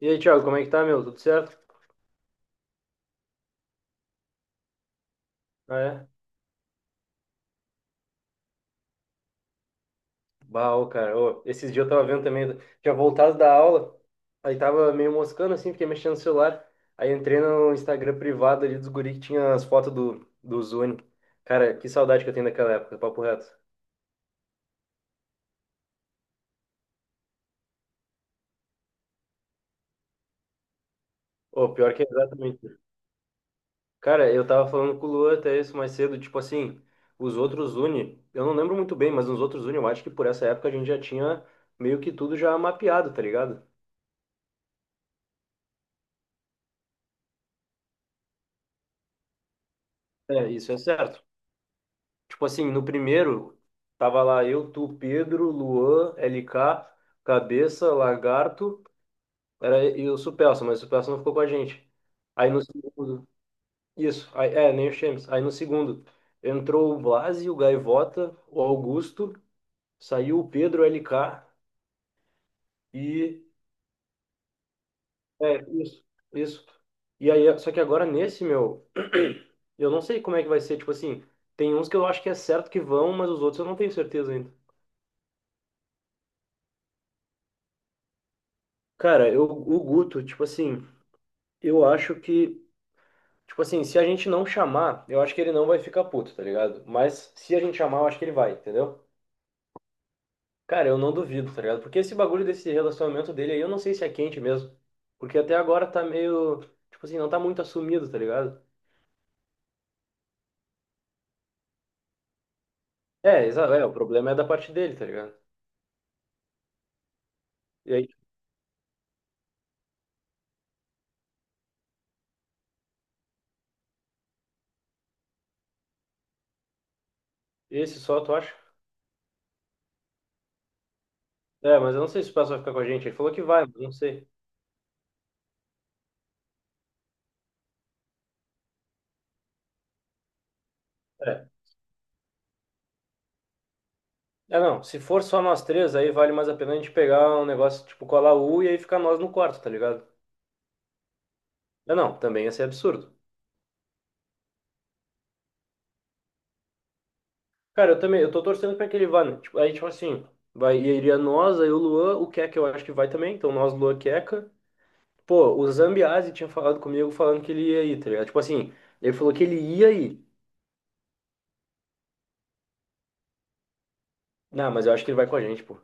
E aí, Thiago, como é que tá, meu? Tudo certo? Ah, é? Bah, ô, cara, ô, esses dias eu tava vendo também, tinha voltado da aula, aí tava meio moscando assim, fiquei mexendo no celular, aí entrei no Instagram privado ali dos guri que tinha as fotos do Zuni. Cara, que saudade que eu tenho daquela época, papo reto. Ô, pior que é exatamente. Cara, eu tava falando com o Luan até isso mais cedo, tipo assim, os outros Uni, eu não lembro muito bem, mas os outros Uni, eu acho que por essa época a gente já tinha meio que tudo já mapeado, tá ligado? É, isso é certo. Tipo assim, no primeiro, tava lá eu, tu, Pedro, Luan, LK, Cabeça, Lagarto, era, e o Supelsa, mas o Supelsa não ficou com a gente. Aí no segundo, isso, aí, é, nem o Chemes. Aí no segundo, entrou o Blasi, o Gaivota, o Augusto, saiu o Pedro, o LK e. É, isso, isso. E aí, só que agora nesse, meu, eu não sei como é que vai ser, tipo assim, tem uns que eu acho que é certo que vão, mas os outros eu não tenho certeza ainda. Cara, eu, o Guto, tipo assim, eu acho que, tipo assim, se a gente não chamar, eu acho que ele não vai ficar puto, tá ligado? Mas se a gente chamar, eu acho que ele vai, entendeu? Cara, eu não duvido, tá ligado? Porque esse bagulho desse relacionamento dele aí, eu não sei se é quente mesmo. Porque até agora tá meio, tipo assim, não tá muito assumido, tá ligado? É, exa é, o problema é da parte dele, tá ligado? E aí, esse só, tu acha? É, mas eu não sei se o pessoal vai ficar com a gente. Ele falou que vai, mas não sei. É. É, não, se for só nós três, aí vale mais a pena a gente pegar um negócio tipo colar U e aí ficar nós no quarto, tá ligado? É, não, também ia ser absurdo. Cara, eu também, eu tô torcendo pra que ele vá, né? Tipo, aí, tipo assim, vai, iria nós, aí o Luan, o Keka eu acho que vai também, então nós, Luan, Keka. Pô, o Zambiase tinha falado comigo falando que ele ia ir, tá ligado? Tipo assim, ele falou que ele ia ir. Não, mas eu acho que ele vai com a gente, pô.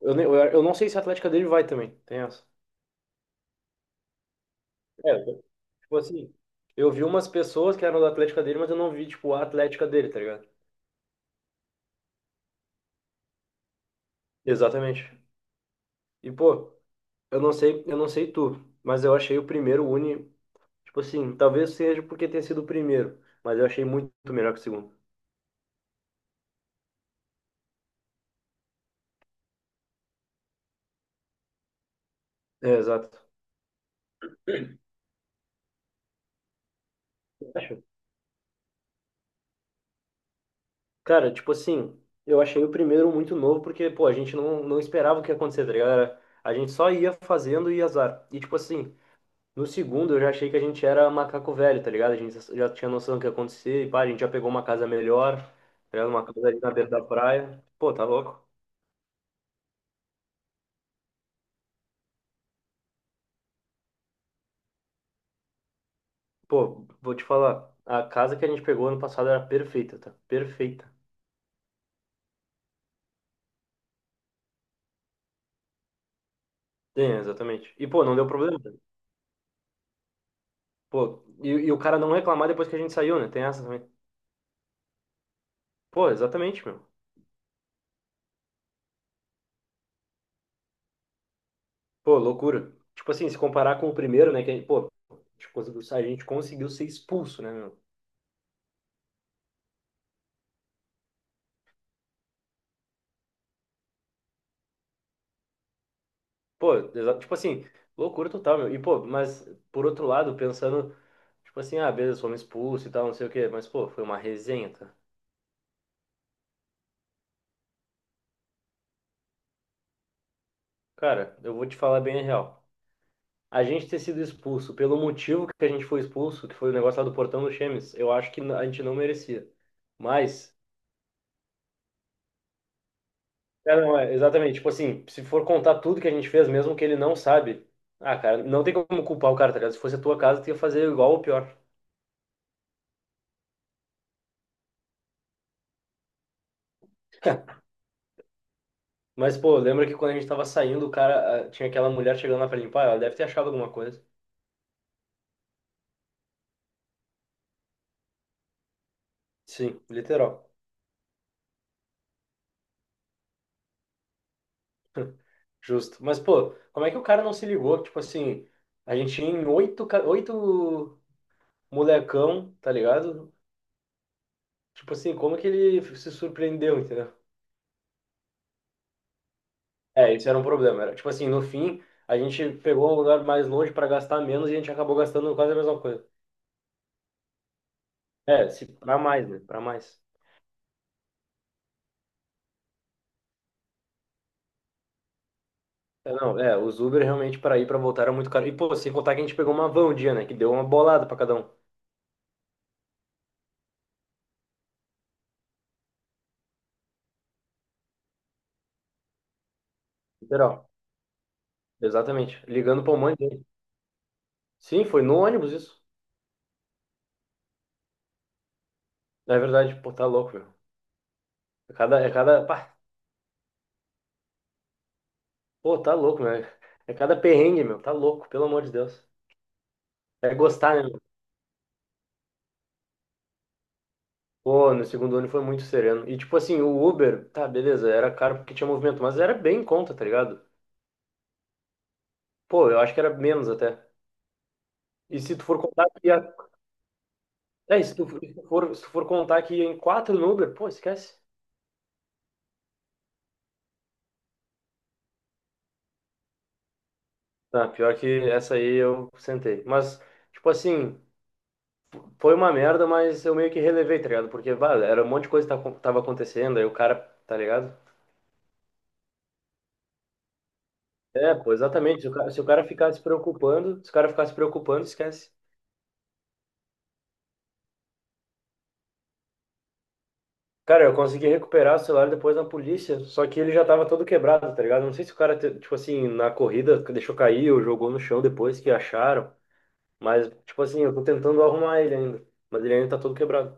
Eu, nem- eu não sei se a Atlética dele vai também, tem essa. É, tipo assim, eu vi umas pessoas que eram da Atlética dele, mas eu não vi, tipo, a Atlética dele, tá ligado? Exatamente. E, pô, eu não sei tu, mas eu achei o primeiro Uni, tipo assim, talvez seja porque tenha sido o primeiro, mas eu achei muito melhor que o segundo. É, exato. Acho. Cara, tipo assim, eu achei o primeiro muito novo porque, pô, a gente não, não esperava o que ia acontecer, tá ligado? A gente só ia fazendo e azar. E, tipo assim, no segundo eu já achei que a gente era macaco velho, tá ligado? A gente já tinha noção do que ia acontecer e, pá, a gente já pegou uma casa melhor, tá ligado? Uma casa ali na beira da praia. Pô, tá louco. Pô, vou te falar, a casa que a gente pegou ano passado era perfeita, tá? Perfeita. Tem, exatamente. E, pô, não deu problema, tá? Pô, e o cara não reclamar depois que a gente saiu, né? Tem essa também. Pô, exatamente, meu. Pô, loucura. Tipo assim, se comparar com o primeiro, né? Que, a gente, pô, a gente conseguiu ser expulso, né, meu? Pô, tipo assim, loucura total, meu. E, pô, mas, por outro lado, pensando, tipo assim, ah, beleza, fomos expulsos e tal, não sei o quê. Mas, pô, foi uma resenha, tá? Cara, eu vou te falar bem a real. A gente ter sido expulso pelo motivo que a gente foi expulso, que foi o negócio lá do portão do Chemes, eu acho que a gente não merecia. Mas, é, não, é, exatamente, tipo assim, se for contar tudo que a gente fez, mesmo que ele não sabe, ah, cara, não tem como culpar o cara, tá ligado? Se fosse a tua casa, tu ia fazer igual ou pior. Mas, pô, lembra que quando a gente tava saindo, o cara, ah, tinha aquela mulher chegando lá pra limpar, ela deve ter achado alguma coisa. Sim, literal. Justo. Mas, pô, como é que o cara não se ligou? Tipo assim, a gente tinha em oito, oito molecão, tá ligado? Tipo assim, como que ele se surpreendeu, entendeu? É, isso era um problema. Era, tipo assim, no fim, a gente pegou um lugar mais longe para gastar menos e a gente acabou gastando quase a mesma coisa. É, se para mais, né? Para mais. É, não, é, os Uber realmente para ir para voltar era muito caro. E pô, sem contar que a gente pegou uma van um dia, né? Que deu uma bolada para cada um. Literal. Exatamente. Ligando para um monte de gente. Sim, foi no ônibus isso. É verdade, pô, tá louco, meu. É cada, é cada, pá, pô, tá louco, meu. É cada perrengue, meu. Tá louco, pelo amor de Deus. É gostar, né? Pô, no segundo ano foi muito sereno. E tipo assim, o Uber, tá, beleza, era caro porque tinha movimento, mas era bem em conta, tá ligado? Pô, eu acho que era menos até. E se tu for contar que ia. É, e se tu for, se tu for, se tu for contar que ia em quatro no Uber, pô, esquece. Tá, pior que essa aí eu sentei. Mas, tipo assim, foi uma merda, mas eu meio que relevei, tá ligado? Porque, vale, era um monte de coisa que tava acontecendo, aí o cara, tá ligado? É, pô, exatamente. Se o cara ficar se preocupando, se o cara ficar se preocupando, esquece. Cara, eu consegui recuperar o celular depois na polícia, só que ele já tava todo quebrado, tá ligado? Não sei se o cara, tipo assim, na corrida deixou cair ou jogou no chão depois que acharam, mas, tipo assim, eu tô tentando arrumar ele ainda, mas ele ainda tá todo quebrado.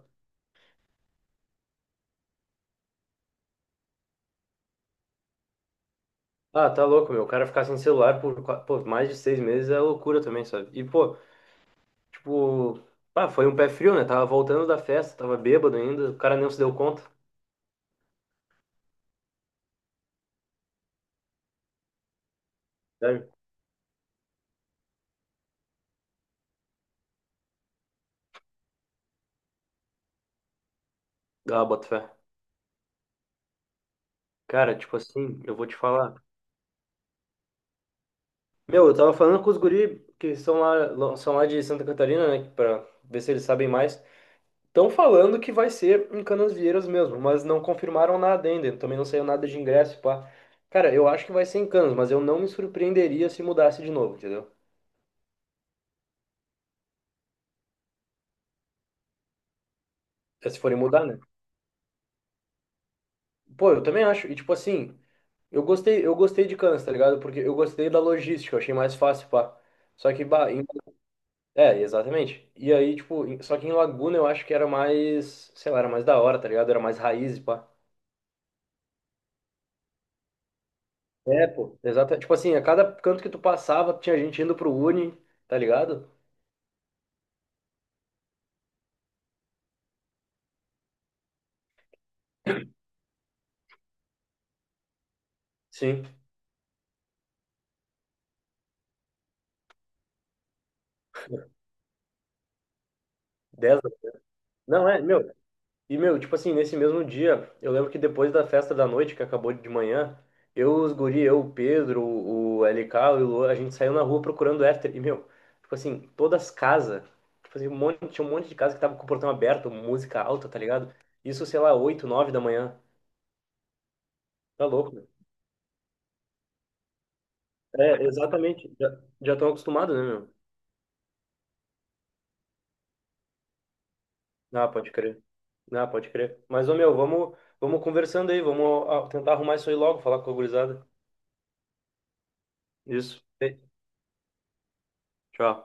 Ah, tá louco, meu. O cara ficar sem celular por, pô, mais de 6 meses é loucura também, sabe? E, pô, tipo, ah, foi um pé frio, né? Tava voltando da festa, tava bêbado ainda, o cara nem se deu conta. Sério? Ah, bota fé. Cara, tipo assim, eu vou te falar. Meu, eu tava falando com os guri que são lá, são lá de Santa Catarina, né? Pra ver se eles sabem mais. Estão falando que vai ser em Canasvieiras mesmo, mas não confirmaram nada ainda. Também não saiu nada de ingresso, pá. Cara, eu acho que vai ser em Canas, mas eu não me surpreenderia se mudasse de novo, entendeu? É, se forem mudar, né? Pô, eu também acho. E tipo assim, eu gostei de Canas, tá ligado? Porque eu gostei da logística, eu achei mais fácil, pá. Só que, bah, em. É, exatamente. E aí, tipo, só que em Laguna eu acho que era mais, sei lá, era mais da hora, tá ligado? Era mais raiz, pá. É, pô, exato. Tipo assim, a cada canto que tu passava, tinha gente indo pro Uni, tá ligado? Sim. Dez. Não, é, meu. E, meu, tipo assim, nesse mesmo dia, eu lembro que depois da festa da noite, que acabou de manhã, eu, os guri, eu, o Pedro, o LK, o Ilu, a gente saiu na rua procurando after. E, meu, tipo assim, todas as casas, tipo assim, tinha um monte de casa que tava com o portão aberto, música alta, tá ligado? Isso, sei lá, oito nove da manhã. Tá louco, meu. É, exatamente. Já, já tão acostumado, né, meu? Ah, pode crer. Ah, pode crer. Mas, ô, meu, vamos, vamos conversando aí, vamos tentar arrumar isso aí logo, falar com a gurizada. Isso. Ei, Tchau.